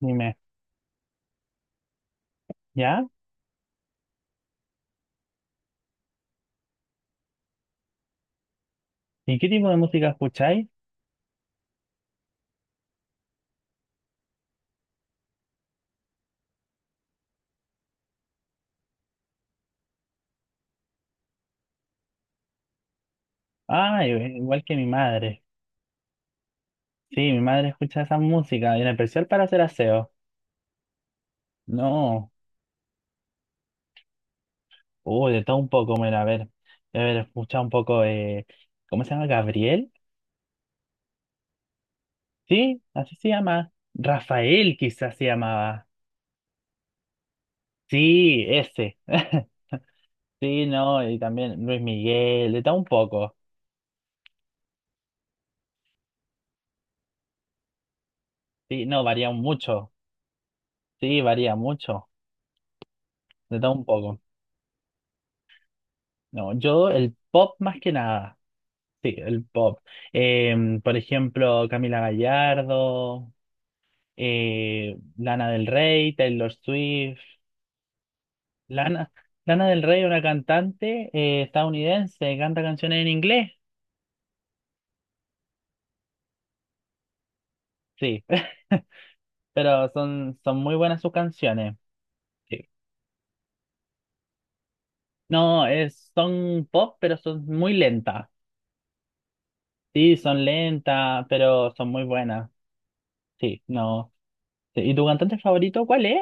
Dime, ¿ya? ¿Y qué tipo de música escucháis? Ah, i- Igual que mi madre. Sí, mi madre escucha esa música, en especial para hacer aseo. No, uy, de todo un poco, mira, a ver, escucha un poco, ¿cómo se llama? ¿Gabriel? Sí, así se llama. Rafael quizás se llamaba. Sí, ese. Sí, no, y también Luis Miguel, de todo un poco. Sí, no, varía mucho. Sí, varía mucho, de todo un poco. No, yo el pop más que nada. Sí, el pop. Por ejemplo, Camila Gallardo, Lana del Rey, Taylor Swift. Lana, Lana del Rey, una cantante estadounidense, canta canciones en inglés. Sí, pero son muy buenas sus canciones. Sí. No, es, son pop, pero son muy lentas. Sí, son lentas, pero son muy buenas. Sí, no. Sí, ¿y tu cantante favorito cuál es?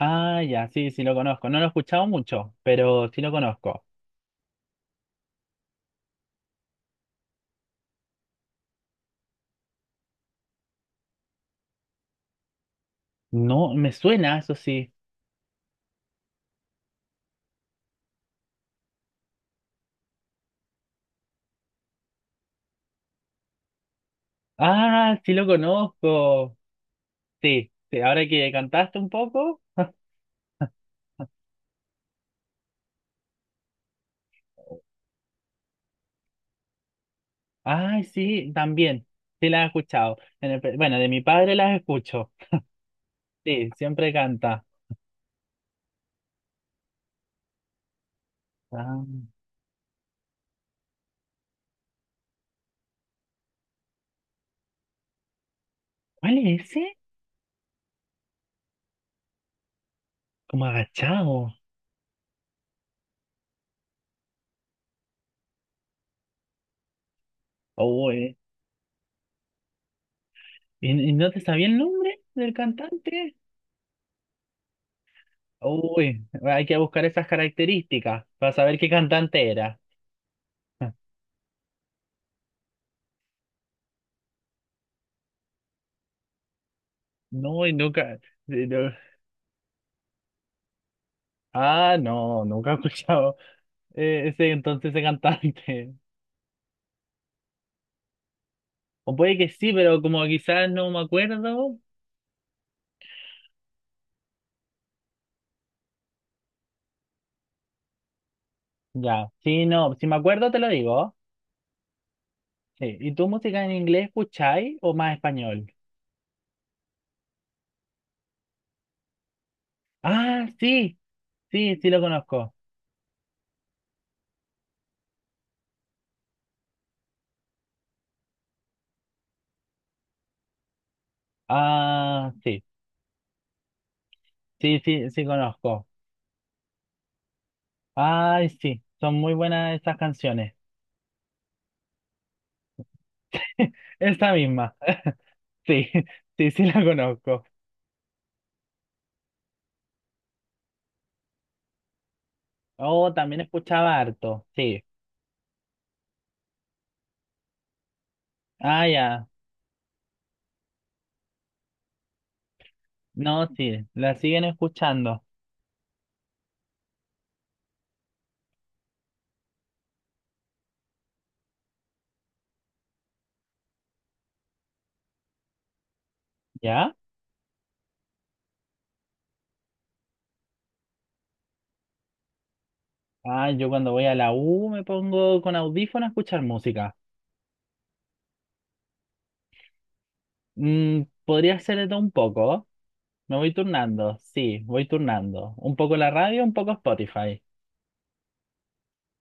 Ah, ya, sí, sí lo conozco. No lo he escuchado mucho, pero sí lo conozco. No, me suena, eso sí. Ah, sí lo conozco. Sí, sí, ahora que cantaste un poco. Ay, sí, también. Sí la he escuchado. Bueno, de mi padre las escucho. Sí, siempre canta. Ah, ¿cuál es ese? Como agachado. Uy, ¿y no te sabía el nombre del cantante? Uy, hay que buscar esas características para saber qué cantante era. No, y nunca. de- de- Ah, no, nunca he escuchado. Ese Entonces ese cantante. O puede que sí, pero como quizás no me acuerdo. Ya, sí, no, si me acuerdo te lo digo. Sí. ¿Y tú música en inglés escucháis o más español? Ah, sí, sí, sí lo conozco. Ah, sí, sí, sí, sí conozco. Ay, sí, son muy buenas esas canciones. Esa misma. Sí, sí, sí la conozco. Oh, también escuchaba harto, sí. Ah, ya. No, sí, la siguen escuchando. ¿Ya? Ah, yo cuando voy a la U me pongo con audífono a escuchar música. Mm, podría ser de todo un poco. Me voy turnando, sí, voy turnando. Un poco la radio, un poco Spotify.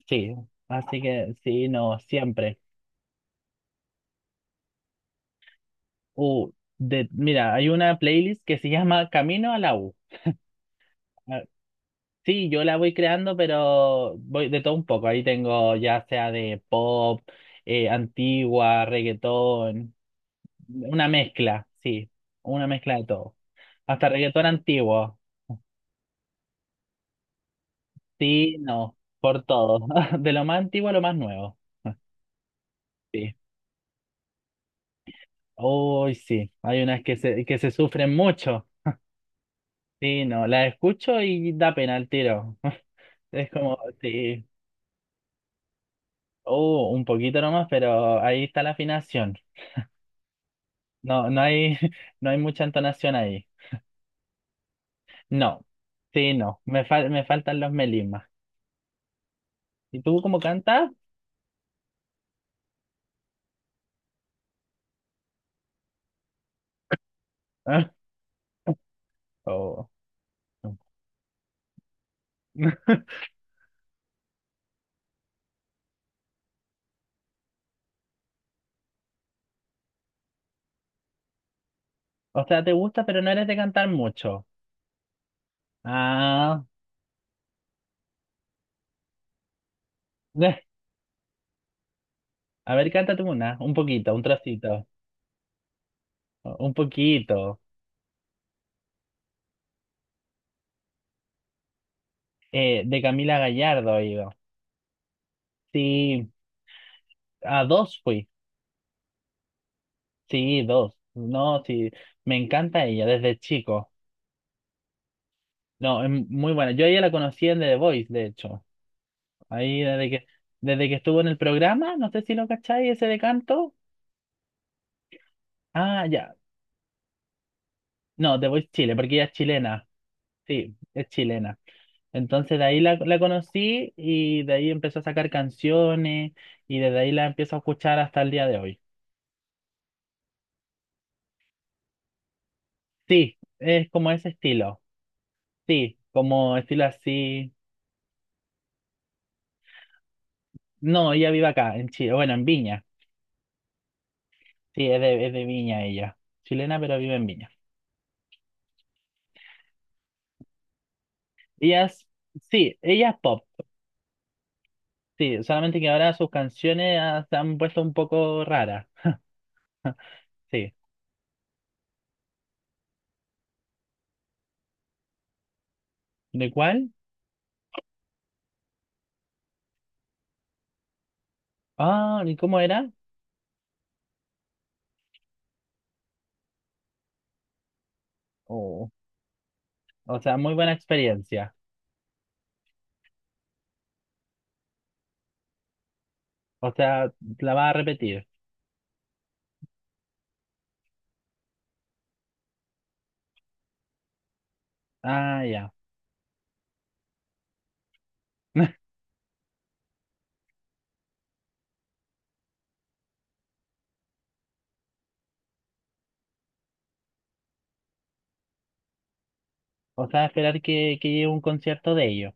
Sí, así que sí, no, siempre. Uh, de, mira, hay una playlist que se llama Camino a la U. Ah, sí, yo la voy creando, pero voy de todo un poco. Ahí tengo ya sea de pop, antigua, reggaetón, una mezcla, sí, una mezcla de todo. Hasta reggaetón antiguo, sí, no, por todo. De lo más antiguo a lo más nuevo, sí. Uy, sí, hay unas que se sufren mucho. Sí, no, las escucho y da pena el tiro. Es como, sí, oh, un poquito nomás, pero ahí está la afinación. No, no hay, no hay mucha entonación ahí. No, sí, no. Me faltan los melismas. ¿Y tú cómo cantas? Ah, oh, o sea, te gusta, pero no eres de cantar mucho. Ah, a ver, cántate una, un poquito, un trocito, un poquito. De Camila Gallardo, digo. Sí, a dos fui. Sí, dos. No, sí, me encanta ella desde chico. No, es muy buena. Yo a ella la conocí en The Voice, de hecho. Ahí desde que, desde que estuvo en el programa, no sé si lo cacháis, ese de canto. Ah, ya. No, The Voice Chile, porque ella es chilena. Sí, es chilena. Entonces de ahí la, la conocí y de ahí empezó a sacar canciones y desde ahí la empiezo a escuchar hasta el día de hoy. Sí, es como ese estilo. Sí, como estilo así. No, ella vive acá, en Chile, bueno, en Viña. Sí, es de Viña ella. Chilena, pero vive en Viña. Ella es, sí, ella es pop. Sí, solamente que ahora sus canciones se han puesto un poco raras. Sí. ¿De cuál? Ah, ¿y cómo era? Oh, o sea, muy buena experiencia. O sea, la va a repetir. Ah, ya. O sea, esperar que llegue un concierto de ellos.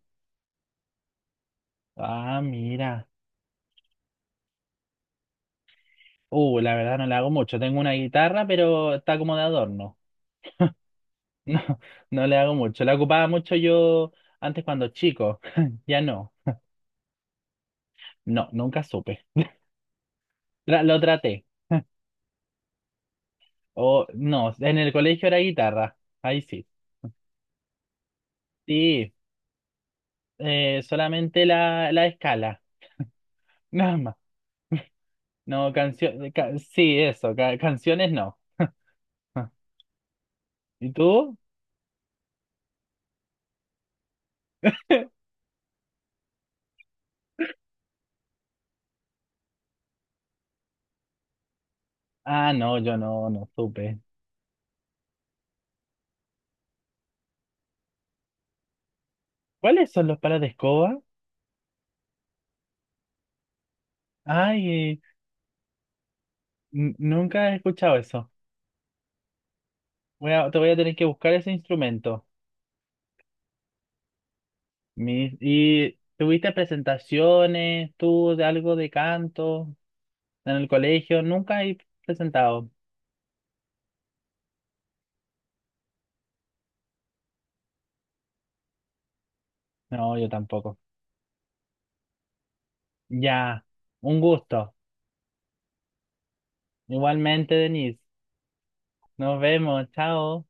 Ah, mira. La verdad no le hago mucho. Tengo una guitarra, pero está como de adorno. No, no le hago mucho. La ocupaba mucho yo antes cuando chico. Ya no. No, nunca supe. Lo traté. O no, en el colegio era guitarra. Ahí sí. Sí, solamente la, la escala. Nada más. No, canción. Sí, eso. Canciones no. Ah, ¿y tú? Ah, no, yo no, no supe. ¿Cuáles son los palos de escoba? Ay, nunca he escuchado eso. Te voy a tener que buscar ese instrumento. ¿Y tuviste presentaciones, tú, de algo de canto en el colegio? Nunca he presentado. No, yo tampoco. Ya, un gusto. Igualmente, Denise. Nos vemos, chao.